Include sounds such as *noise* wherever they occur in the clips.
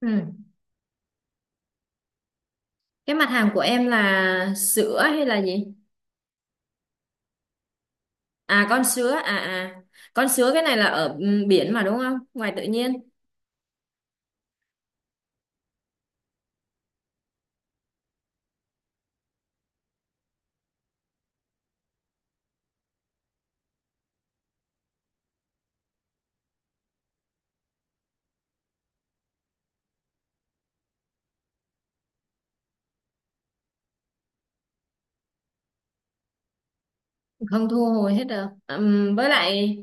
Ừ. Cái mặt hàng của em là sữa hay là gì? À, con sứa à. Con sứa cái này là ở biển mà đúng không? Ngoài tự nhiên, không thu hồi hết được. Với lại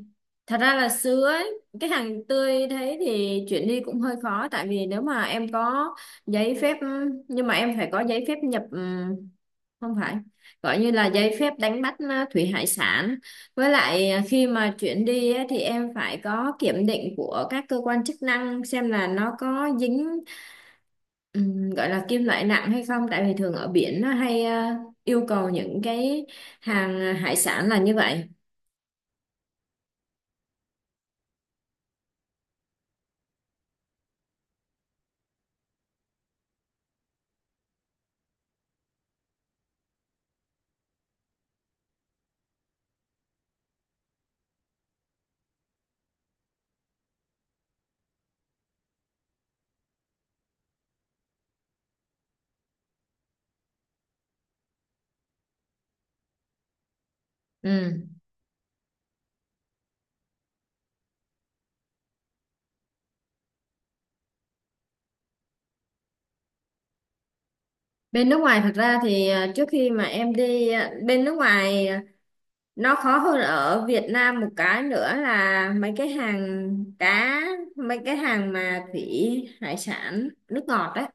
thật ra là sứa ấy, cái hàng tươi thế thì chuyển đi cũng hơi khó, tại vì nếu mà em có giấy phép nhưng mà em phải có giấy phép nhập, không phải gọi như là giấy phép đánh bắt thủy hải sản, với lại khi mà chuyển đi á, thì em phải có kiểm định của các cơ quan chức năng xem là nó có dính gọi là kim loại nặng hay không, tại vì thường ở biển nó hay yêu cầu những cái hàng hải sản là như vậy. Ừm. Bên nước ngoài thật ra thì trước khi mà em đi bên nước ngoài nó khó hơn ở Việt Nam, một cái nữa là cá mấy cái hàng mà thủy hải sản nước ngọt đấy,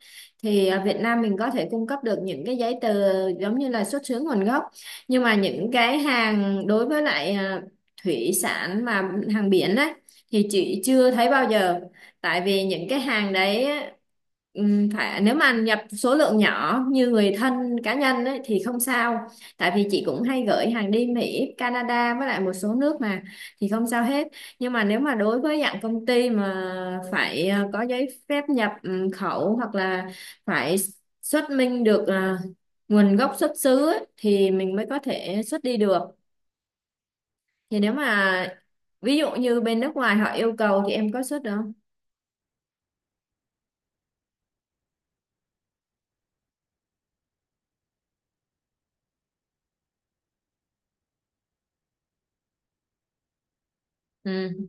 thì ở Việt Nam mình có thể cung cấp được những cái giấy tờ giống như là xuất xứ nguồn gốc. Nhưng mà những cái hàng đối với lại thủy sản mà hàng biển đấy thì chị chưa thấy bao giờ. Tại vì những cái hàng đấy á, phải nếu mà nhập số lượng nhỏ như người thân cá nhân ấy, thì không sao. Tại vì chị cũng hay gửi hàng đi Mỹ, Canada với lại một số nước mà, thì không sao hết. Nhưng mà nếu mà đối với dạng công ty mà phải có giấy phép nhập khẩu, hoặc là phải xuất minh được nguồn gốc xuất xứ ấy, thì mình mới có thể xuất đi được. Thì nếu mà ví dụ như bên nước ngoài họ yêu cầu thì em có xuất được không? Ừ,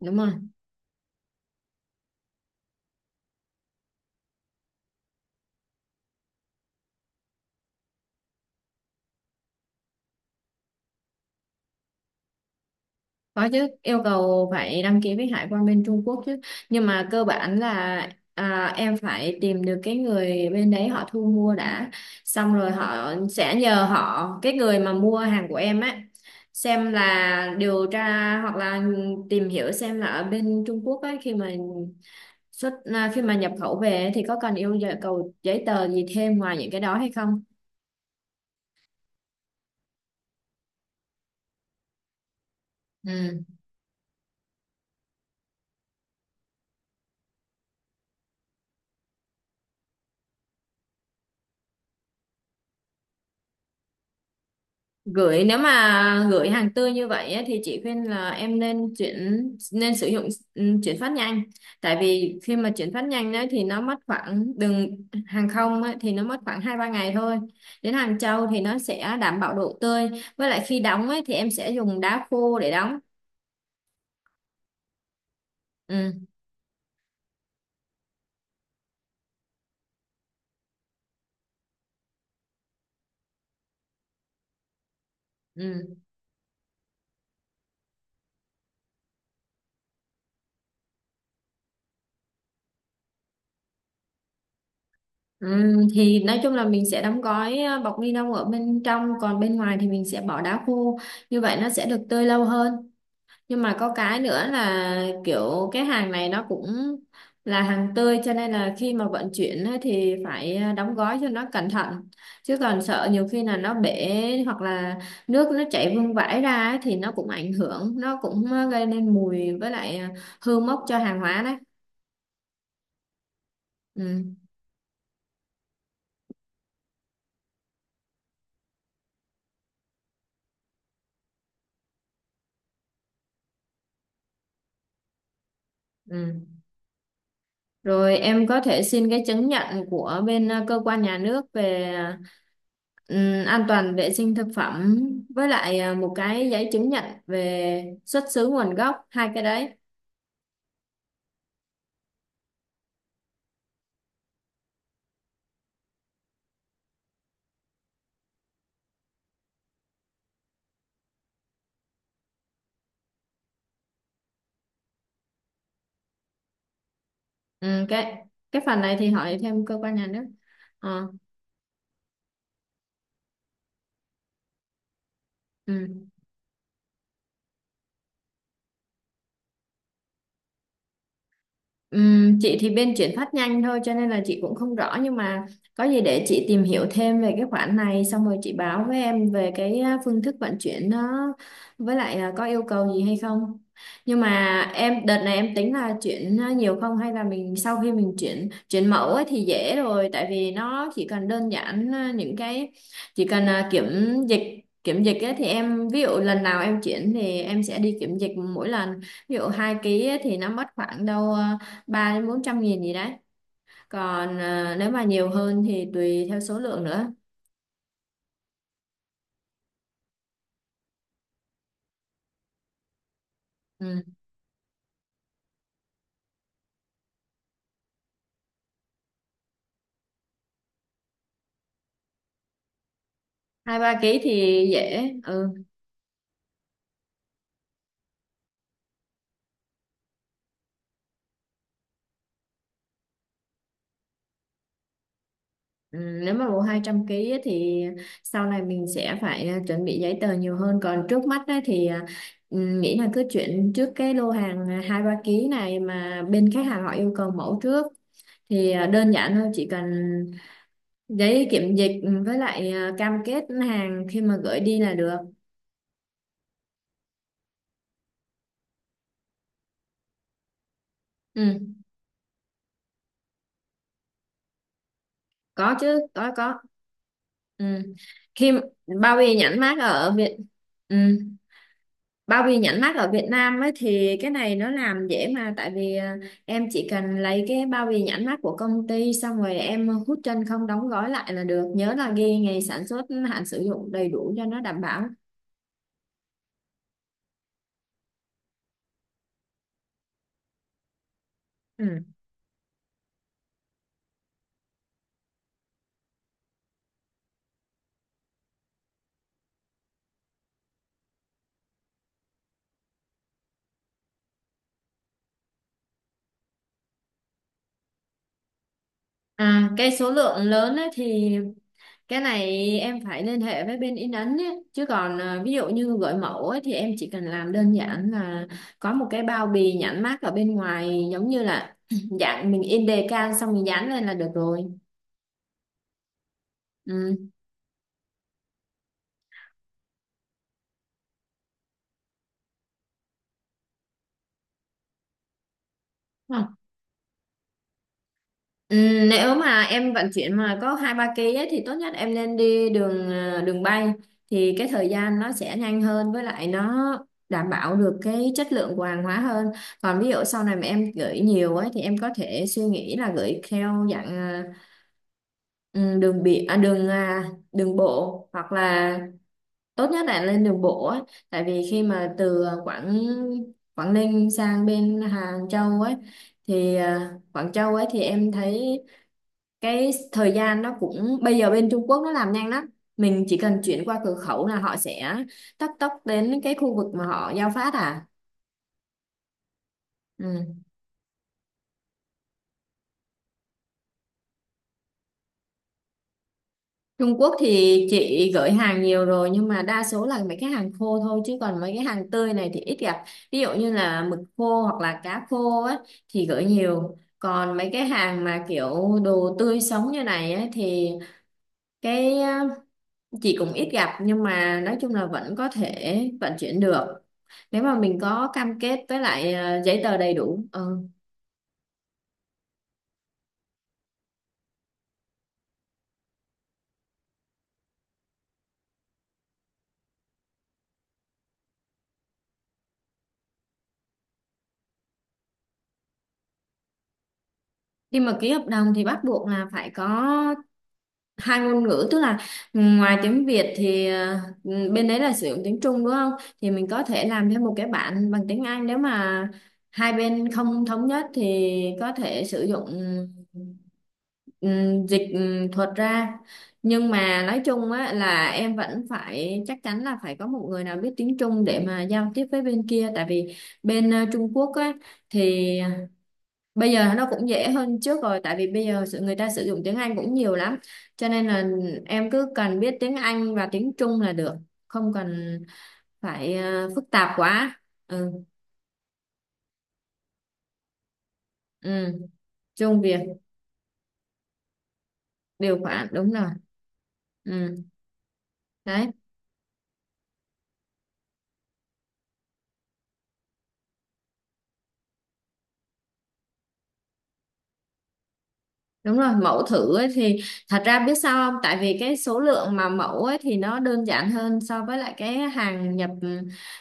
đúng rồi. Có chứ, yêu cầu phải đăng ký với hải quan bên Trung Quốc chứ. Nhưng mà cơ bản là em phải tìm được cái người bên đấy họ thu mua đã. Xong rồi họ sẽ nhờ họ, cái người mà mua hàng của em á, xem là điều tra hoặc là tìm hiểu xem là ở bên Trung Quốc ấy khi mà khi mà nhập khẩu về thì có cần yêu cầu giấy tờ gì thêm ngoài những cái đó hay không. Ừ. Nếu mà gửi hàng tươi như vậy á, thì chị khuyên là em nên chuyển nên sử dụng chuyển phát nhanh. Tại vì khi mà chuyển phát nhanh đấy thì nó mất khoảng đường hàng không á, thì nó mất khoảng 2-3 ngày thôi, đến Hàng Châu thì nó sẽ đảm bảo độ tươi. Với lại khi đóng ấy, thì em sẽ dùng đá khô để đóng. Ừ, ừ, ừ. Thì nói chung là mình sẽ đóng gói bọc ni lông ở bên trong, còn bên ngoài thì mình sẽ bỏ đá khô. Như vậy nó sẽ được tươi lâu hơn. Nhưng mà có cái nữa là kiểu cái hàng này nó cũng là hàng tươi, cho nên là khi mà vận chuyển á thì phải đóng gói cho nó cẩn thận. Chứ còn sợ nhiều khi là nó bể, hoặc là nước nó chảy vương vãi ra á thì nó cũng ảnh hưởng, nó cũng gây nên mùi với lại hư mốc cho hàng hóa đấy. Ừ. Ừ. Rồi em có thể xin cái chứng nhận của bên cơ quan nhà nước về an toàn vệ sinh thực phẩm, với lại một cái giấy chứng nhận về xuất xứ nguồn gốc. Hai cái đấy. Ừ, cái phần này thì hỏi thêm cơ quan nhà nước. Ờ, ừ. Chị thì bên chuyển phát nhanh thôi cho nên là chị cũng không rõ. Nhưng mà có gì để chị tìm hiểu thêm về cái khoản này, xong rồi chị báo với em về cái phương thức vận chuyển nó với lại có yêu cầu gì hay không. Nhưng mà em đợt này em tính là chuyển nhiều không, hay là mình sau khi mình chuyển chuyển mẫu ấy thì dễ rồi. Tại vì nó chỉ cần đơn giản những cái chỉ cần dịch kiểm dịch ấy, thì em ví dụ lần nào em chuyển thì em sẽ đi kiểm dịch mỗi lần. Ví dụ 2 ký ấy thì nó mất khoảng đâu 300-400 nghìn gì đấy. Còn nếu mà nhiều hơn thì tùy theo số lượng nữa. Ừ. 2-3 kg thì dễ. Ừ. Ừ. Nếu mà bộ 200 kg á thì sau này mình sẽ phải chuẩn bị giấy tờ nhiều hơn. Còn trước mắt á thì nghĩ là cứ chuyển trước cái lô hàng 2-3 ký này, mà bên khách hàng họ yêu cầu mẫu trước, thì đơn giản thôi, chỉ cần giấy kiểm dịch với lại cam kết hàng khi mà gửi đi là được. Ừ. Có chứ, có, có. Ừ. khi bao bì nhãn mác ở Việt ừ. Bao bì nhãn mác ở Việt Nam ấy thì cái này nó làm dễ mà, tại vì em chỉ cần lấy cái bao bì nhãn mác của công ty xong rồi em hút chân không đóng gói lại là được. Nhớ là ghi ngày sản xuất, hạn sử dụng đầy đủ cho nó đảm bảo. Ừ. À, cái số lượng lớn ấy thì cái này em phải liên hệ với bên in ấn ấy. Chứ còn ví dụ như gửi mẫu ấy, thì em chỉ cần làm đơn giản là có một cái bao bì nhãn mác ở bên ngoài, giống như là *clears throat* dạng mình in đề can xong mình dán lên là được rồi. Ừ. Đúng không? Ừ, nếu mà em vận chuyển mà có 2-3 ký ấy, thì tốt nhất em nên đi đường bay, thì cái thời gian nó sẽ nhanh hơn, với lại nó đảm bảo được cái chất lượng của hàng hóa hơn. Còn ví dụ sau này mà em gửi nhiều ấy thì em có thể suy nghĩ là gửi theo dạng Ừ, đường biển, đường bộ, hoặc là tốt nhất là lên đường bộ á. Tại vì khi mà từ à, Quảng Quảng Ninh sang bên Hàng Châu ấy, thì Quảng Châu ấy thì em thấy cái thời gian nó cũng, bây giờ bên Trung Quốc nó làm nhanh lắm. Mình chỉ cần chuyển qua cửa khẩu là họ sẽ tấp tốc đến cái khu vực mà họ giao phát ừ. Trung Quốc thì chị gửi hàng nhiều rồi nhưng mà đa số là mấy cái hàng khô thôi, chứ còn mấy cái hàng tươi này thì ít gặp. Ví dụ như là mực khô hoặc là cá khô á thì gửi nhiều. Còn mấy cái hàng mà kiểu đồ tươi sống như này á thì cái chị cũng ít gặp, nhưng mà nói chung là vẫn có thể vận chuyển được. Nếu mà mình có cam kết với lại giấy tờ đầy đủ. Ừ. Khi mà ký hợp đồng thì bắt buộc là phải có hai ngôn ngữ, tức là ngoài tiếng Việt thì bên đấy là sử dụng tiếng Trung đúng không, thì mình có thể làm thêm một cái bản bằng tiếng Anh. Nếu mà hai bên không thống nhất thì có thể sử dụng dịch thuật ra. Nhưng mà nói chung á là em vẫn phải chắc chắn là phải có một người nào biết tiếng Trung để mà giao tiếp với bên kia. Tại vì bên Trung Quốc á thì bây giờ nó cũng dễ hơn trước rồi, tại vì bây giờ người ta sử dụng tiếng Anh cũng nhiều lắm, cho nên là em cứ cần biết tiếng Anh và tiếng Trung là được, không cần phải phức tạp quá. Ừ. Ừ. Trung Việt. Điều khoản đúng rồi. Ừ. Đấy. Đúng rồi, mẫu thử ấy thì thật ra biết sao không? Tại vì cái số lượng mà mẫu ấy thì nó đơn giản hơn so với lại cái hàng nhập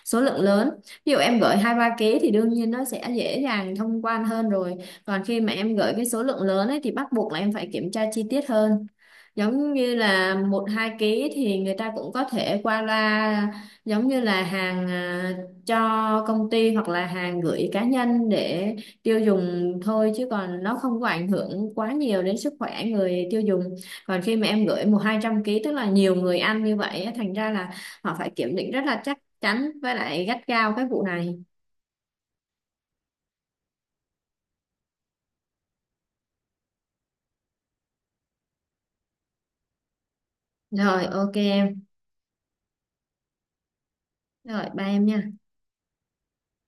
số lượng lớn. Ví dụ em gửi 2-3 ký thì đương nhiên nó sẽ dễ dàng thông quan hơn rồi. Còn khi mà em gửi cái số lượng lớn ấy thì bắt buộc là em phải kiểm tra chi tiết hơn. Giống như là 1-2 ký thì người ta cũng có thể qua loa, giống như là hàng cho công ty hoặc là hàng gửi cá nhân để tiêu dùng thôi, chứ còn nó không có ảnh hưởng quá nhiều đến sức khỏe người tiêu dùng. Còn khi mà em gửi 100-200 ký tức là nhiều người ăn như vậy á, thành ra là họ phải kiểm định rất là chắc chắn với lại gắt gao cái vụ này. Rồi, ok em. Rồi ba em nha.